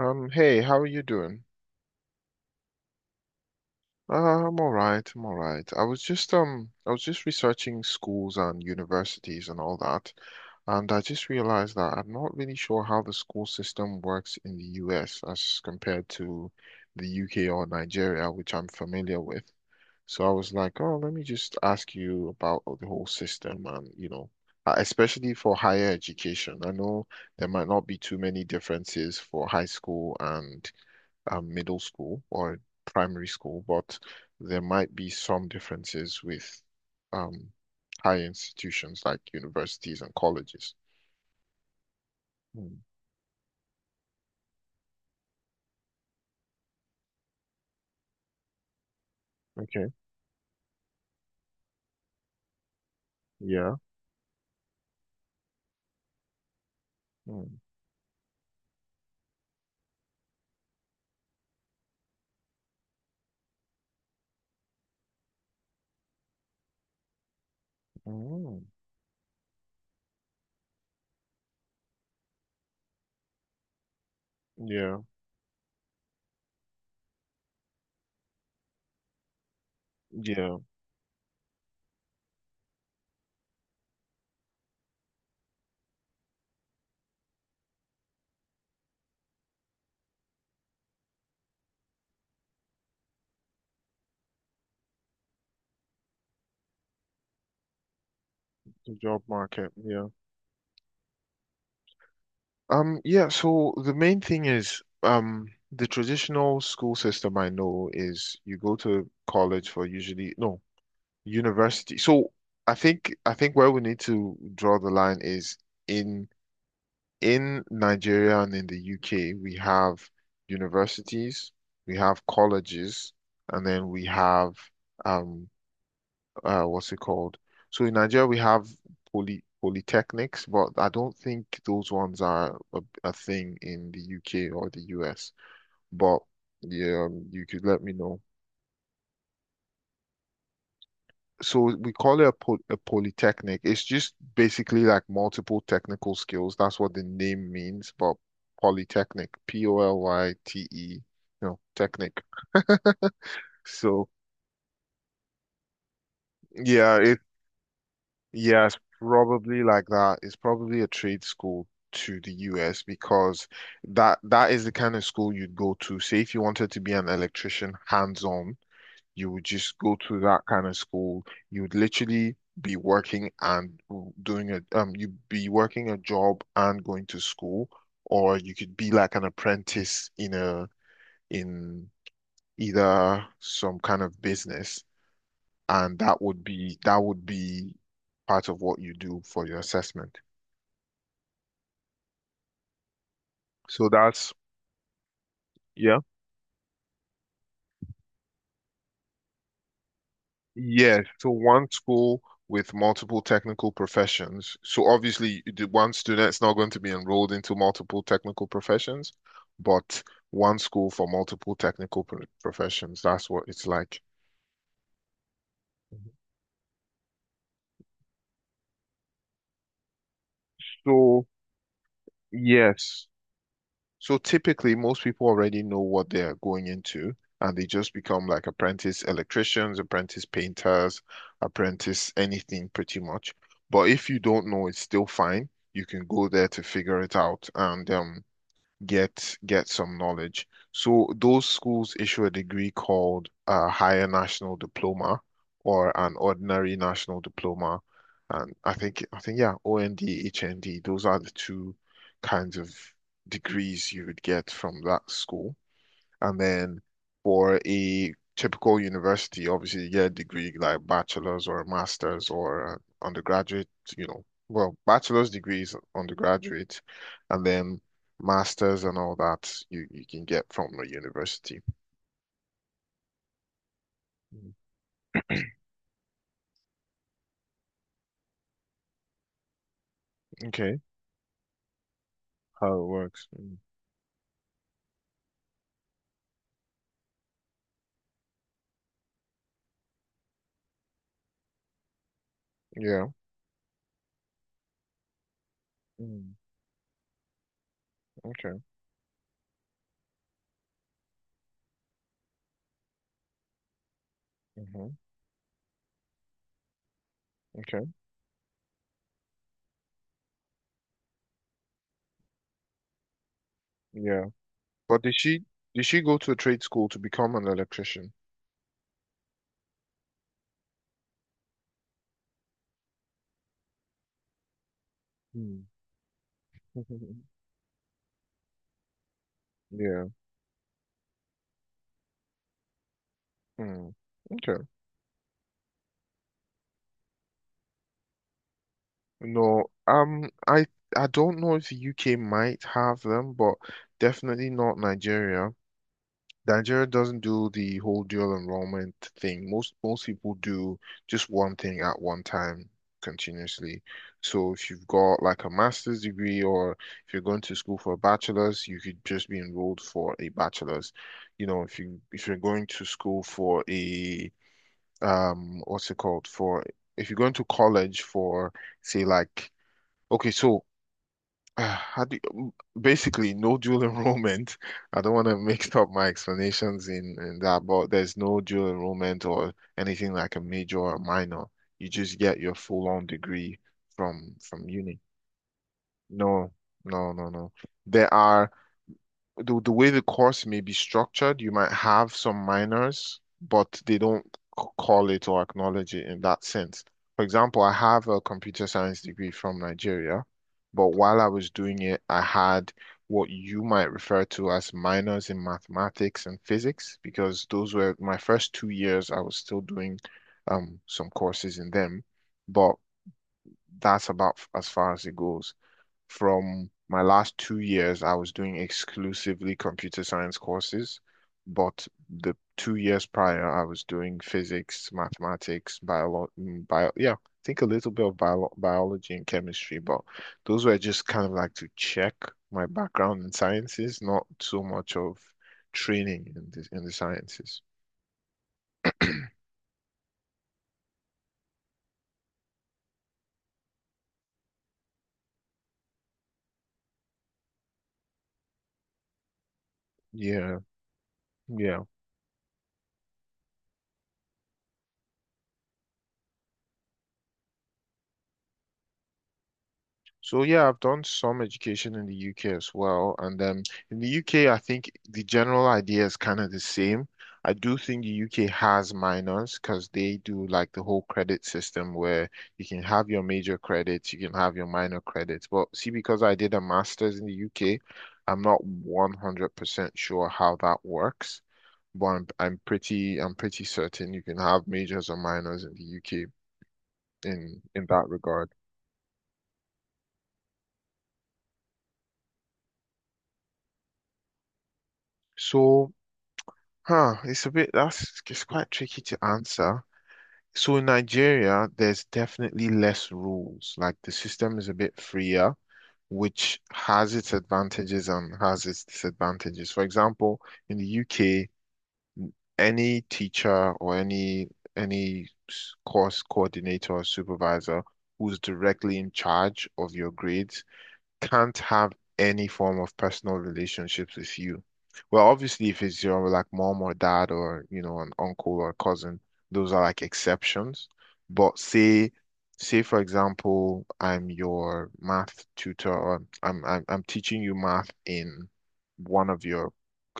Hey, how are you doing? Uh, I'm all right. I was just researching schools and universities and all that, and I just realized that I'm not really sure how the school system works in the US as compared to the UK or Nigeria, which I'm familiar with. So I was like, oh, let me just ask you about the whole system and, especially for higher education. I know there might not be too many differences for high school and middle school or primary school, but there might be some differences with um, high institutions like universities and colleges. Mm, okay. Yeah. Mm, mm, yeah. Yeah. The job market. Yeah. Yeah, so the main thing is the traditional school system I know is you go to college for usually no, university. So I think where we need to draw the line is in in Nigeria and in the UK, we have universities, we have colleges, and then we have um what's it called? So in Nigeria we have polytechnics, but I don't think those ones are a thing in the UK or the US. But yeah, you could let me know so we call it a polytechnic. It's just basically like multiple technical skills. That's what the name means, but polytechnic, POLYTE, you know, technic. So yeah, it yeah, it's probably like that. It's probably a trade school to the US because that is the kind of school you'd go to. Say if you wanted to be an electrician hands-on, you would just go to that kind of school. You would literally be working and doing a you'd be working a job and going to school, or you could be like an apprentice in a in either some kind of business, and that would be part of what you do for your assessment. So that's yeah. Yes, so one school with multiple technical professions. So obviously, the one student's not going to be enrolled into multiple technical professions, but one school for multiple professions. That's what it's like. So, yes. So typically, most people already know what they're going into, and they just become like apprentice electricians, apprentice painters, apprentice anything pretty much. But if you don't know, it's still fine. You can go there to figure it out. And get some knowledge. So those schools issue a degree called a higher national diploma or an ordinary national diploma. And I think yeah, OND, HND, those are the two kinds of degrees you would get from that school. And then for a typical university, obviously you get a degree like bachelor's or a master's or an undergraduate, you know, well, bachelor's degrees undergraduate, and then master's and all that you can get from a university. Mm, okay, how it works. Mm, yeah. Mm, okay. Hmm. Okay. Yeah. But did she go to a trade school to become an electrician? Mm. Yeah. Mm. Okay. No, I don't know if the UK might have them, but definitely not Nigeria. Nigeria doesn't do the whole dual enrollment thing. Most people do just one thing at one time continuously. So if you've got like a master's degree or if you're going to school for a bachelor's, you could just be enrolled for a bachelor's. You know, if you if you're going to school for a what's it called? For if you're going to college for say like okay, so uh, how do you, basically no dual enrollment. I don't want to mix up my explanations in that, but there's no dual enrollment or anything like a major or minor. You just get your full-on degree from uni. No, no, no, no. There are the way the course may be structured, you might have some minors, but they don't call it or acknowledge it in that sense. For example, I have a computer science degree from Nigeria, but while I was doing it, I had what you might refer to as minors in mathematics and physics, because those were my first two years. I was still doing some courses in them, but as far as it goes from my last two years, I was doing exclusively computer science courses, but the two years prior, I was doing physics, mathematics, yeah, I think a little bit of biology and chemistry, but those were just kind of like to check my background in sciences, not so much of training in the sciences. Yeah, yeah. So yeah, I've done some education in the UK as well, and in the UK, I think the general idea is kind of the same. I do think the UK has minors because they do like the whole credit system where you can have your major credits, you can have your minor credits. But see, because I did a master's in the UK, I'm not 100% sure how that works, but I'm pretty certain you can have majors or minors in the UK in that regard. So. Huh, it's a bit that's it's quite tricky to answer. So in Nigeria, there's definitely less rules. Like the system is a bit freer, which has its advantages and has its disadvantages. For example, in the UK, any teacher or any any course coordinator or supervisor who's directly in charge of your grades can't have any form of personal relationships with you. Well, obviously, if it's your like mom or dad or you know an uncle or cousin, those are like exceptions. But say for example, I'm your math tutor, or I'm teaching you math in one of your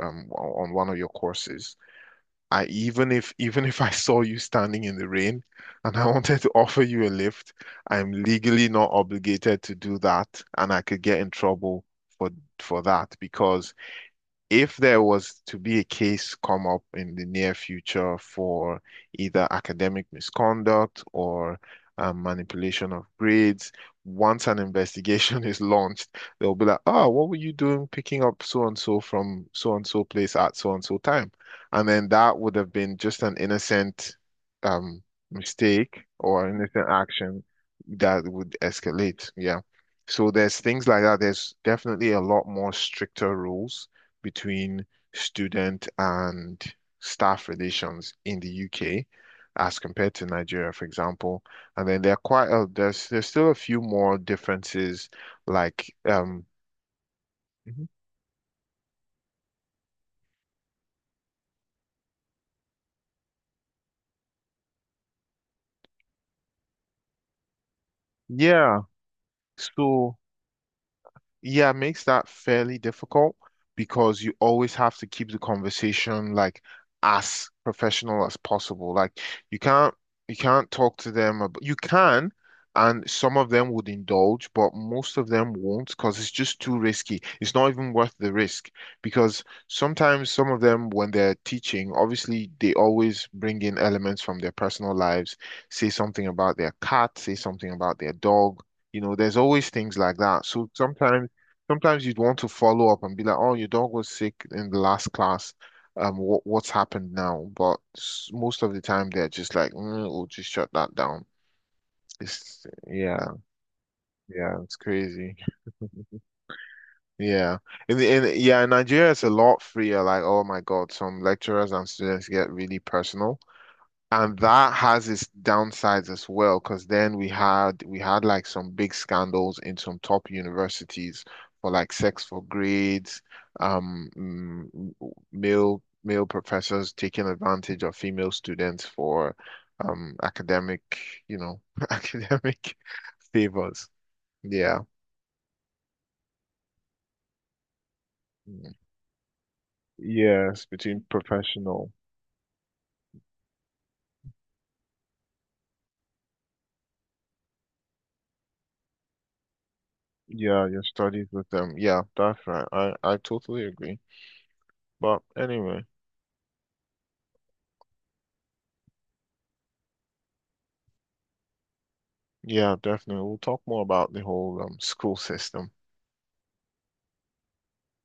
on one of your courses I even if I saw you standing in the rain and I wanted to offer you a lift, I'm legally not obligated to do that, and I could get in trouble for for that because if there was to be a case come up in the near future for either academic misconduct or manipulation of grades, once an investigation is launched, they'll be like, oh, what were you doing picking up so and so from so and so place at so and so time? And then that would have been just an innocent um, mistake or innocent action that would escalate. Yeah. So there's things like that. There's definitely a lot more stricter rules between student and staff relations in the UK as compared to Nigeria, for example. And then there are quite there's still a few more differences like mhm. Yeah. So yeah, it makes that fairly difficult because you always have to keep the conversation like as professional as possible. Like you can't you can't talk to them about, you can and some of them would indulge, but most of them won't because it's just too risky. It's not even worth the risk because sometimes some of them when they're teaching, obviously they always bring in elements from their personal lives, say something about their cat, say something about their dog. You know, there's always things like that. So sometimes you'd want to follow up and be like, oh, your dog was sick in the last class. What's happened now? But most of the time, they're just like, mm, we'll just shut that down. It's yeah, yeah, it's crazy. Yeah, in the in yeah, in Nigeria, it's a lot freer. Like, oh my God, some lecturers and students get really personal. And that has its downsides as well, because then we had like some big scandals in some top universities for like sex for grades, um, mm, male professors taking advantage of female students for academic, you know, academic favors. Yeah. Mm. Yes, between professional. Yeah, your studies with them. Yeah, that's right. I totally agree. But anyway. Yeah, definitely. We'll talk more about the whole school system